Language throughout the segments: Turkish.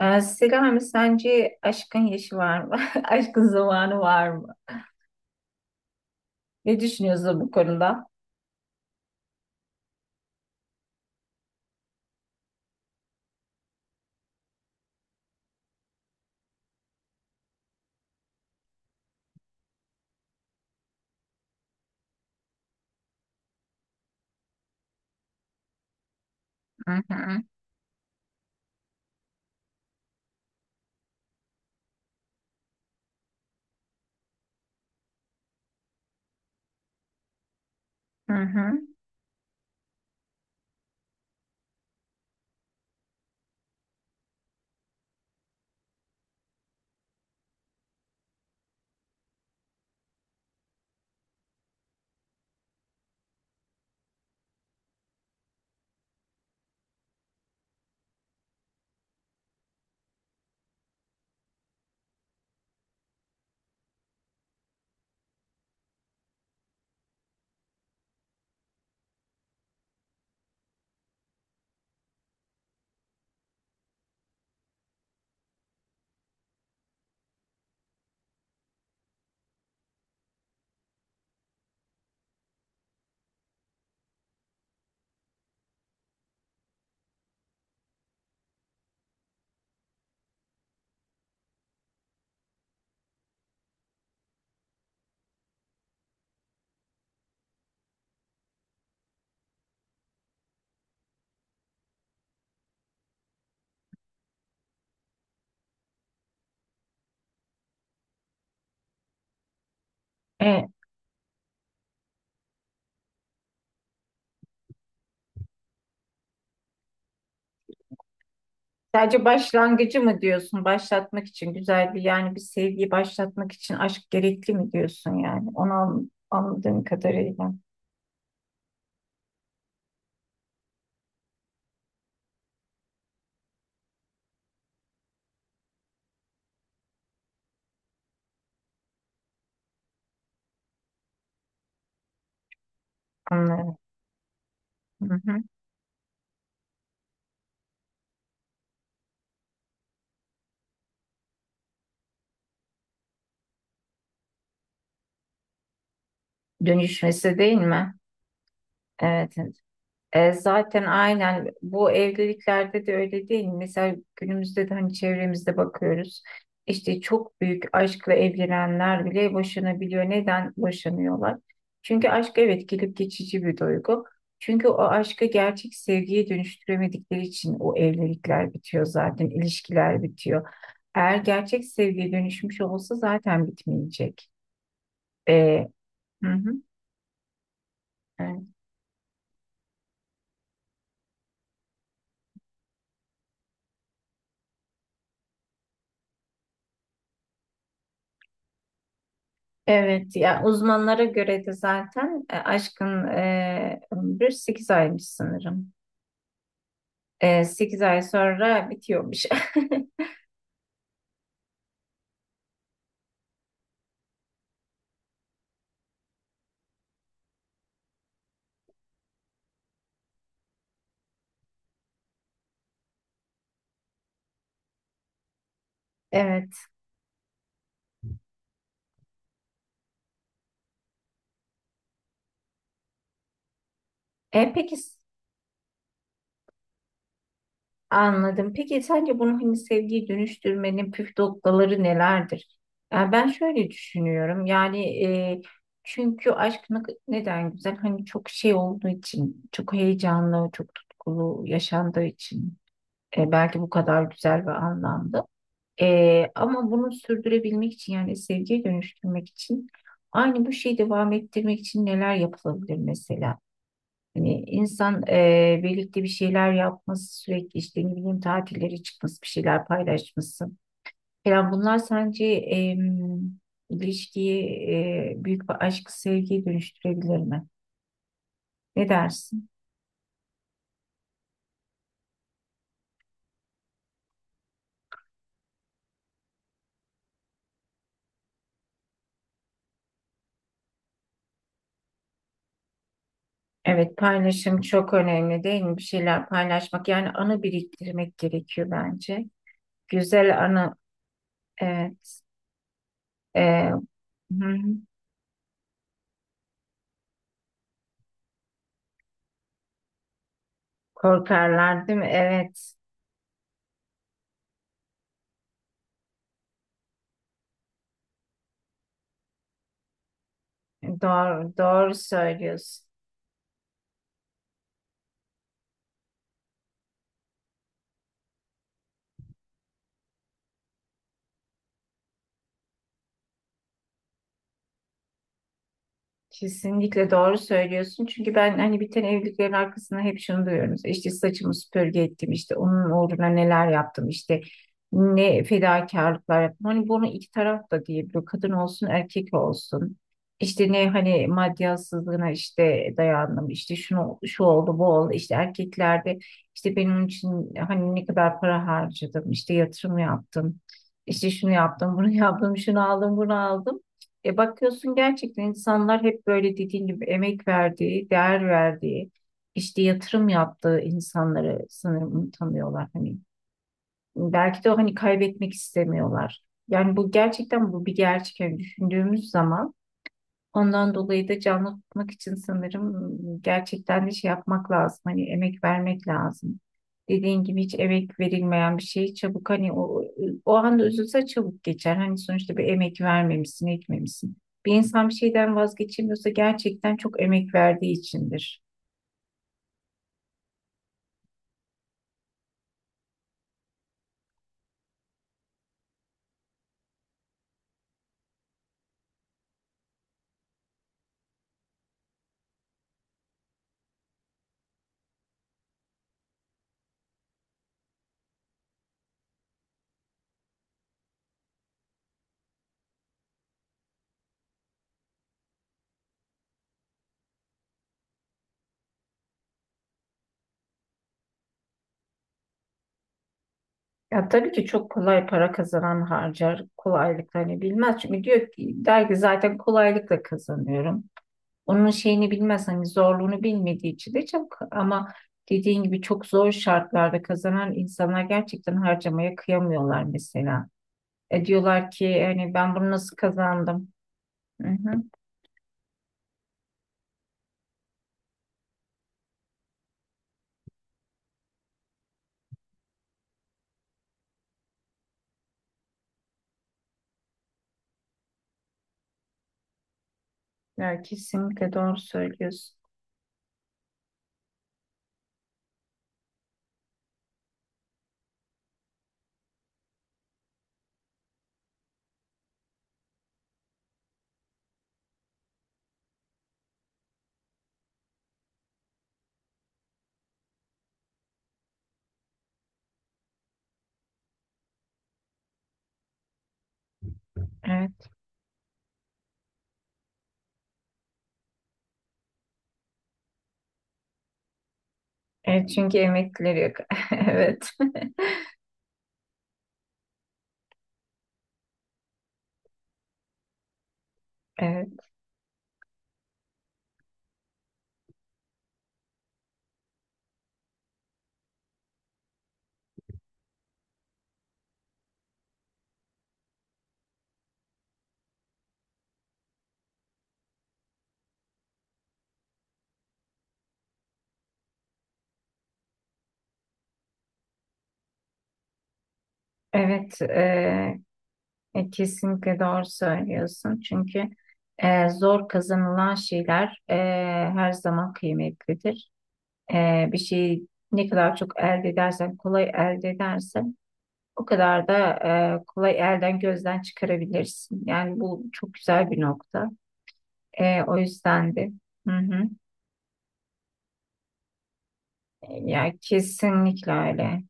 Selami, sence aşkın yaşı var mı? Aşkın zamanı var mı? Ne düşünüyorsun bu konuda? Hı hı, hı hı. Evet. Sadece başlangıcı mı diyorsun? Başlatmak için güzel bir yani bir sevgiyi başlatmak için aşk gerekli mi diyorsun yani? Onu anladığım kadarıyla. Anlıyorum. Hı hı. Dönüşmesi değil mi? Evet, evet. Zaten aynen bu evliliklerde de öyle değil mi? Mesela günümüzde de hani çevremizde bakıyoruz. İşte çok büyük aşkla evlenenler bile boşanabiliyor. Neden boşanıyorlar? Çünkü aşk, evet, gelip geçici bir duygu. Çünkü o aşkı gerçek sevgiye dönüştüremedikleri için o evlilikler bitiyor zaten, ilişkiler bitiyor. Eğer gerçek sevgiye dönüşmüş olsa zaten bitmeyecek. E, hı hı. Evet. Evet, ya uzmanlara göre de zaten aşkın ömrü 8 aymış sanırım. E, 8 ay sonra bitiyormuş. Evet. E, peki s- anladım. Peki sence bunu hani sevgiye dönüştürmenin püf noktaları nelerdir? Ya ben şöyle düşünüyorum. Yani çünkü neden güzel? Hani çok şey olduğu için, çok heyecanlı, çok tutkulu yaşandığı için. Belki bu kadar güzel ve anlamlı. Ama bunu sürdürebilmek için yani sevgiye dönüştürmek için aynı bu şeyi devam ettirmek için neler yapılabilir mesela? Hani insan birlikte bir şeyler yapması, sürekli işte ne bileyim tatillere çıkması, bir şeyler paylaşması falan, bunlar sence ilişkiyi, büyük bir aşk sevgiye dönüştürebilir mi? Ne dersin? Evet, paylaşım çok önemli değil mi? Bir şeyler paylaşmak yani anı biriktirmek gerekiyor bence. Güzel anı, evet. Ee, hı hı. Korkarlar değil mi? Evet. Doğru, doğru söylüyorsun. Kesinlikle doğru söylüyorsun. Çünkü ben hani biten evliliklerin arkasında hep şunu duyuyorum. İşte işte, saçımı süpürge ettim, işte onun uğruna neler yaptım, işte ne fedakarlıklar yaptım. Hani bunu iki taraf da diyebiliyor. Kadın olsun, erkek olsun. İşte ne hani maddiyatsızlığına işte dayandım, işte şunu şu oldu, bu oldu. İşte erkeklerde işte benim için hani ne kadar para harcadım, işte yatırım yaptım. İşte şunu yaptım, bunu yaptım, şunu aldım, bunu aldım. E bakıyorsun gerçekten insanlar hep böyle dediğin gibi emek verdiği, değer verdiği, işte yatırım yaptığı insanları sanırım tanıyorlar. Hani belki de o hani kaybetmek istemiyorlar. Yani bu gerçekten bu bir gerçek. Yani düşündüğümüz zaman, ondan dolayı da canlı tutmak için sanırım gerçekten de şey yapmak lazım. Hani emek vermek lazım. Dediğin gibi hiç emek verilmeyen bir şey çabuk hani o anda üzülse çabuk geçer. Hani sonuçta bir emek vermemişsin, etmemişsin. Bir insan bir şeyden vazgeçemiyorsa gerçekten çok emek verdiği içindir. Ya tabii ki çok kolay para kazanan harcar kolaylıkla, hani bilmez. Çünkü diyor ki, der ki, zaten kolaylıkla kazanıyorum. Onun şeyini bilmez, hani zorluğunu bilmediği için de çok, ama dediğin gibi çok zor şartlarda kazanan insanlar gerçekten harcamaya kıyamıyorlar mesela. E diyorlar ki hani ben bunu nasıl kazandım? Hı hı. Ya kesinlikle doğru söylüyorsun. Evet. Evet, çünkü emeklileri yok. Evet. Evet. Evet. Kesinlikle doğru söylüyorsun. Çünkü zor kazanılan şeyler her zaman kıymetlidir. Bir şeyi ne kadar çok elde edersen, kolay elde edersen o kadar da kolay elden gözden çıkarabilirsin. Yani bu çok güzel bir nokta. O yüzden de hı hı. Ya kesinlikle öyle.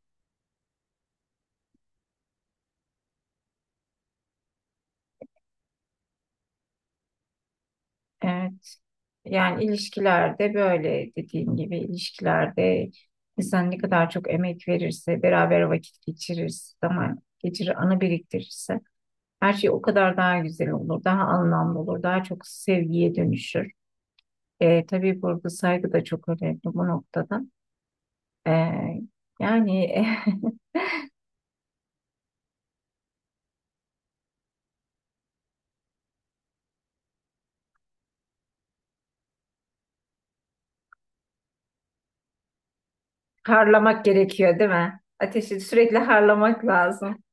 Evet. Yani ilişkilerde böyle dediğim gibi ilişkilerde insan ne kadar çok emek verirse, beraber vakit geçirirse, zaman geçirir, anı biriktirirse her şey o kadar daha güzel olur, daha anlamlı olur, daha çok sevgiye dönüşür. Tabii burada saygı da çok önemli bu noktada. E, yani harlamak gerekiyor değil mi? Ateşi sürekli harlamak lazım.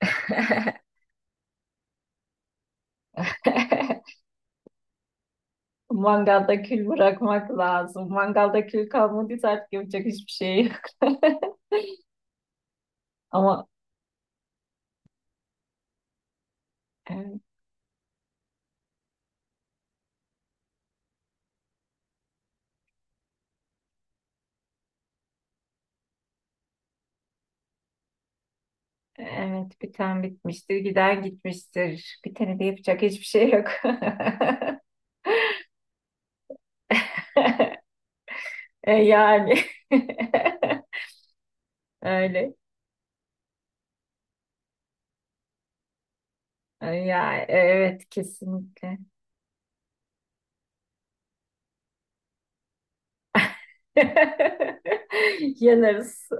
Mangalda kül bırakmak lazım. Mangalda kül kalmadıysa artık yapacak hiçbir şey yok. Ama e, evet, biten bitmiştir, giden gitmiştir. Bitene de yapacak hiçbir şey yok. Yani öyle. Ya evet, kesinlikle. Yanarız.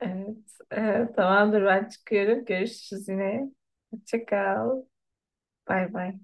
Evet, evet, tamamdır, ben çıkıyorum. Görüşürüz yine. Hoşça kal. Bay bay.